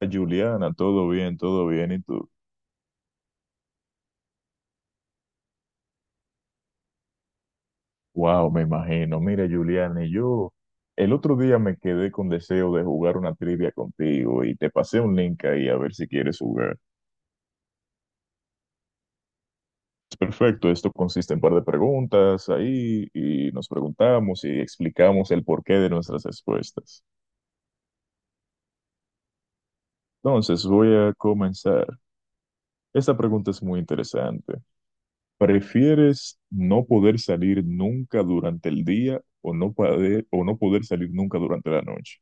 Juliana, todo bien, todo bien. Y tú, wow, me imagino. Mira, Juliana, y yo el otro día me quedé con deseo de jugar una trivia contigo y te pasé un link ahí a ver si quieres jugar. Perfecto, esto consiste en un par de preguntas ahí y nos preguntamos y explicamos el porqué de nuestras respuestas. Entonces, voy a comenzar. Esta pregunta es muy interesante. ¿Prefieres no poder salir nunca durante el día o no poder salir nunca durante la noche?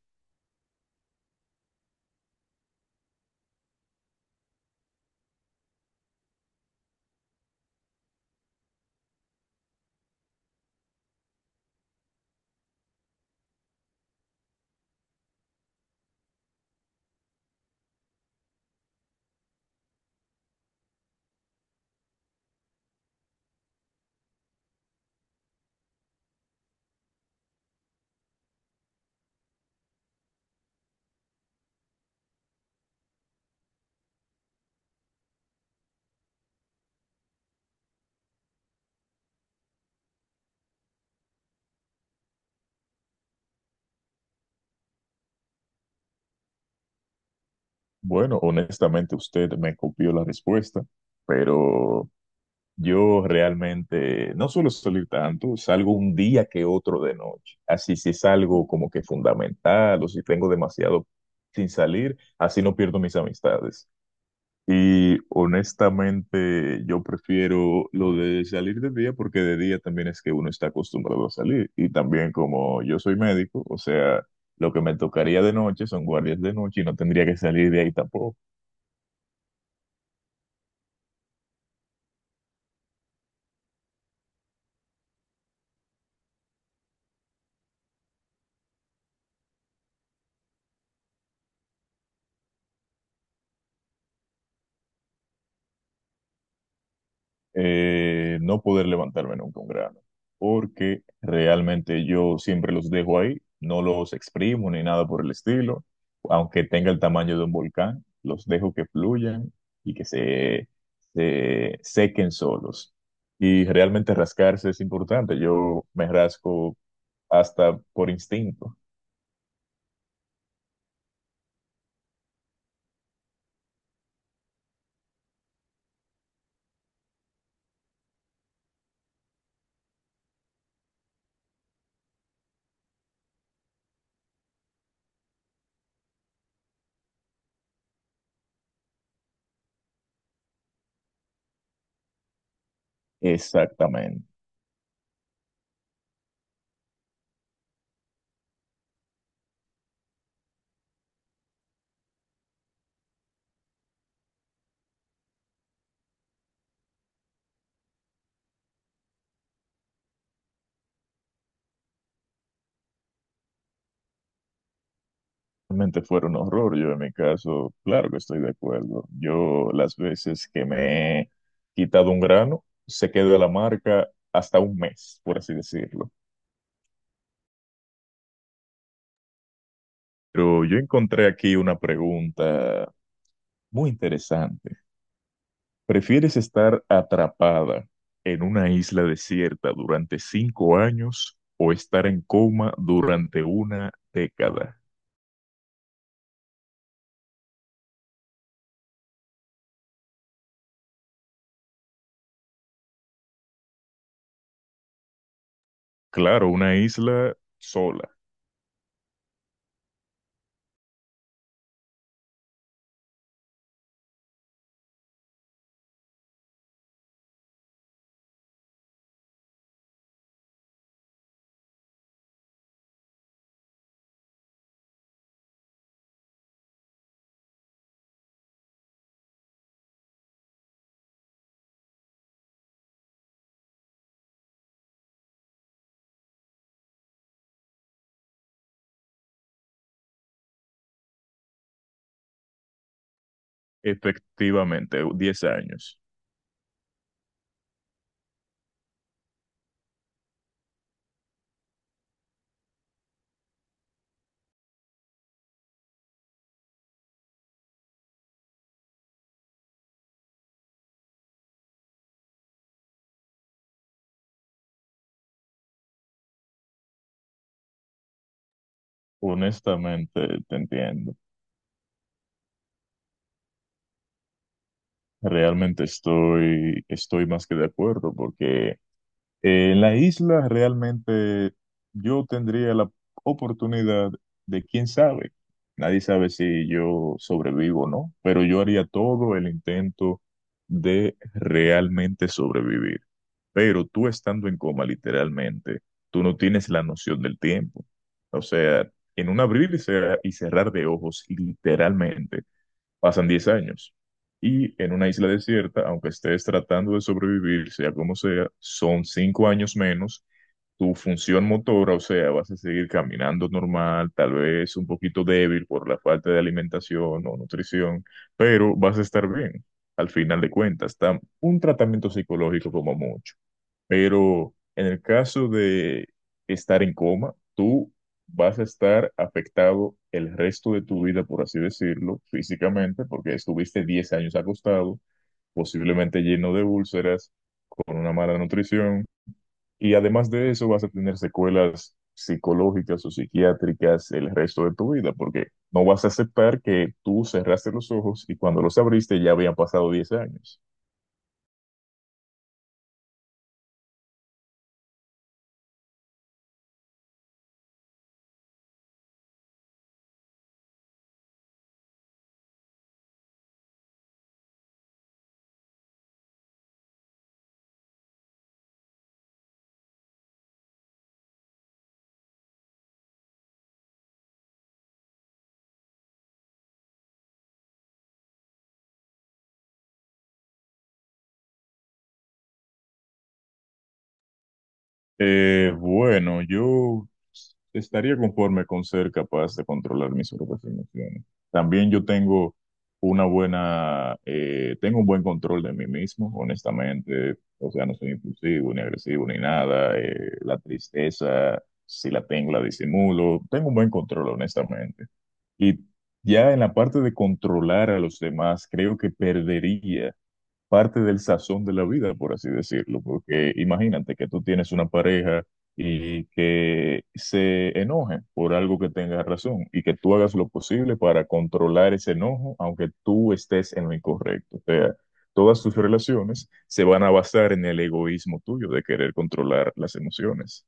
Bueno, honestamente usted me copió la respuesta, pero yo realmente no suelo salir tanto, salgo un día que otro de noche. Así si es algo como que fundamental o si tengo demasiado sin salir, así no pierdo mis amistades. Y honestamente yo prefiero lo de salir de día porque de día también es que uno está acostumbrado a salir. Y también como yo soy médico, o sea, lo que me tocaría de noche son guardias de noche y no tendría que salir de ahí tampoco. No poder levantarme nunca un grano, porque realmente yo siempre los dejo ahí, no los exprimo ni nada por el estilo, aunque tenga el tamaño de un volcán, los dejo que fluyan y que se sequen solos. Y realmente rascarse es importante, yo me rasco hasta por instinto. Exactamente. Realmente fuera un horror. Yo en mi caso, claro que estoy de acuerdo. Yo las veces que me he quitado un grano, se quedó la marca hasta un mes, por así decirlo. Pero yo encontré aquí una pregunta muy interesante. ¿Prefieres estar atrapada en una isla desierta durante 5 años o estar en coma durante una década? Claro, una isla sola, efectivamente, 10 años. Honestamente, te entiendo. Realmente estoy más que de acuerdo porque en la isla realmente yo tendría la oportunidad de, quién sabe, nadie sabe si yo sobrevivo o no, pero yo haría todo el intento de realmente sobrevivir. Pero tú estando en coma literalmente, tú no tienes la noción del tiempo. O sea, en un abrir y cerrar de ojos literalmente. Pasan 10 años y en una isla desierta, aunque estés tratando de sobrevivir, sea como sea, son 5 años menos. Tu función motora, o sea, vas a seguir caminando normal, tal vez un poquito débil por la falta de alimentación o nutrición, pero vas a estar bien. Al final de cuentas, está un tratamiento psicológico como mucho. Pero en el caso de estar en coma, tú vas a estar afectado el resto de tu vida, por así decirlo, físicamente, porque estuviste 10 años acostado, posiblemente lleno de úlceras, con una mala nutrición, y además de eso vas a tener secuelas psicológicas o psiquiátricas el resto de tu vida, porque no vas a aceptar que tú cerraste los ojos y cuando los abriste ya habían pasado 10 años. Bueno, yo estaría conforme con ser capaz de controlar mis propias emociones. También yo tengo un buen control de mí mismo, honestamente. O sea, no soy impulsivo, ni agresivo, ni nada. La tristeza, si la tengo, la disimulo. Tengo un buen control, honestamente. Y ya en la parte de controlar a los demás, creo que perdería parte del sazón de la vida, por así decirlo, porque imagínate que tú tienes una pareja y que se enoje por algo que tenga razón y que tú hagas lo posible para controlar ese enojo, aunque tú estés en lo incorrecto. O sea, todas tus relaciones se van a basar en el egoísmo tuyo de querer controlar las emociones.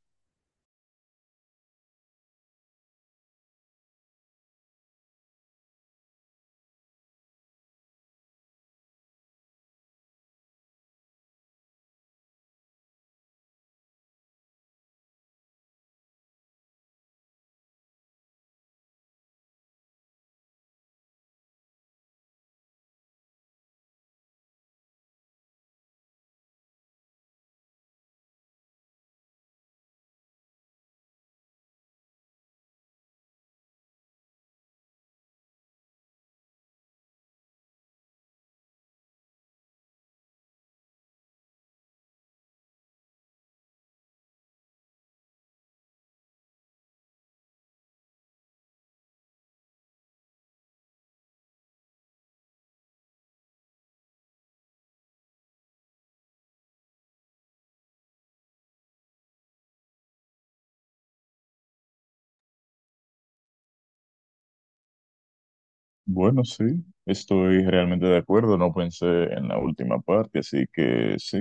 Bueno, sí, estoy realmente de acuerdo. No pensé en la última parte, así que sí,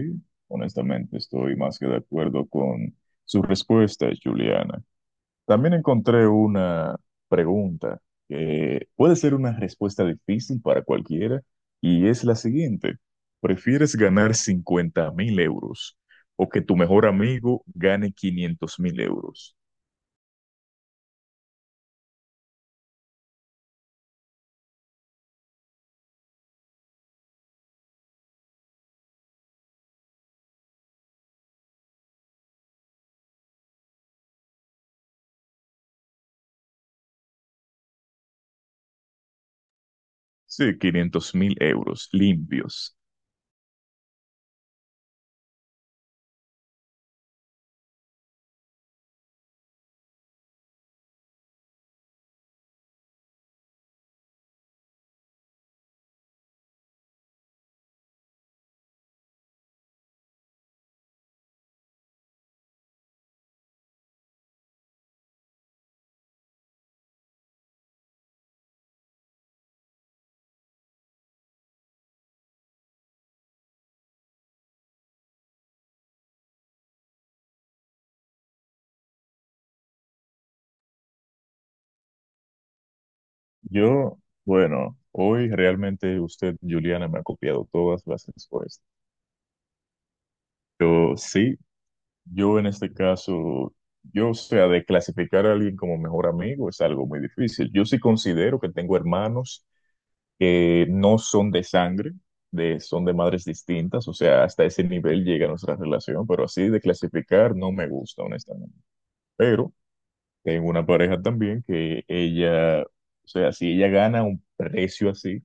honestamente estoy más que de acuerdo con su respuesta, Juliana. También encontré una pregunta que puede ser una respuesta difícil para cualquiera y es la siguiente. ¿Prefieres ganar 50.000 € o que tu mejor amigo gane 500 mil euros? Sí, 500.000 € limpios. Yo, bueno, hoy realmente usted, Juliana, me ha copiado todas las respuestas. Yo sí, yo en este caso, yo, o sea, de clasificar a alguien como mejor amigo es algo muy difícil. Yo sí considero que tengo hermanos que no son de sangre, son de madres distintas, o sea, hasta ese nivel llega nuestra relación, pero así de clasificar no me gusta, honestamente. Pero tengo una pareja también que ella, o sea, si ella gana un precio así,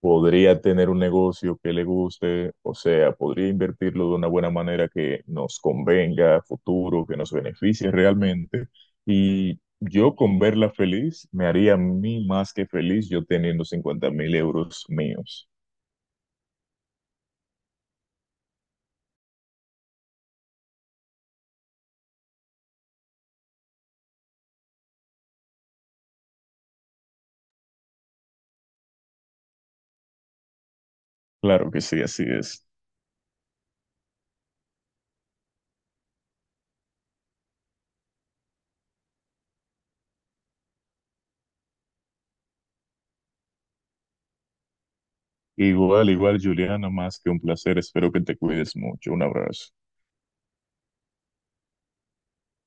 podría tener un negocio que le guste, o sea, podría invertirlo de una buena manera que nos convenga a futuro, que nos beneficie realmente. Y yo con verla feliz, me haría a mí más que feliz yo teniendo 50.000 € míos. Claro que sí, así es. Igual, igual, Juliana, más que un placer. Espero que te cuides mucho. Un abrazo.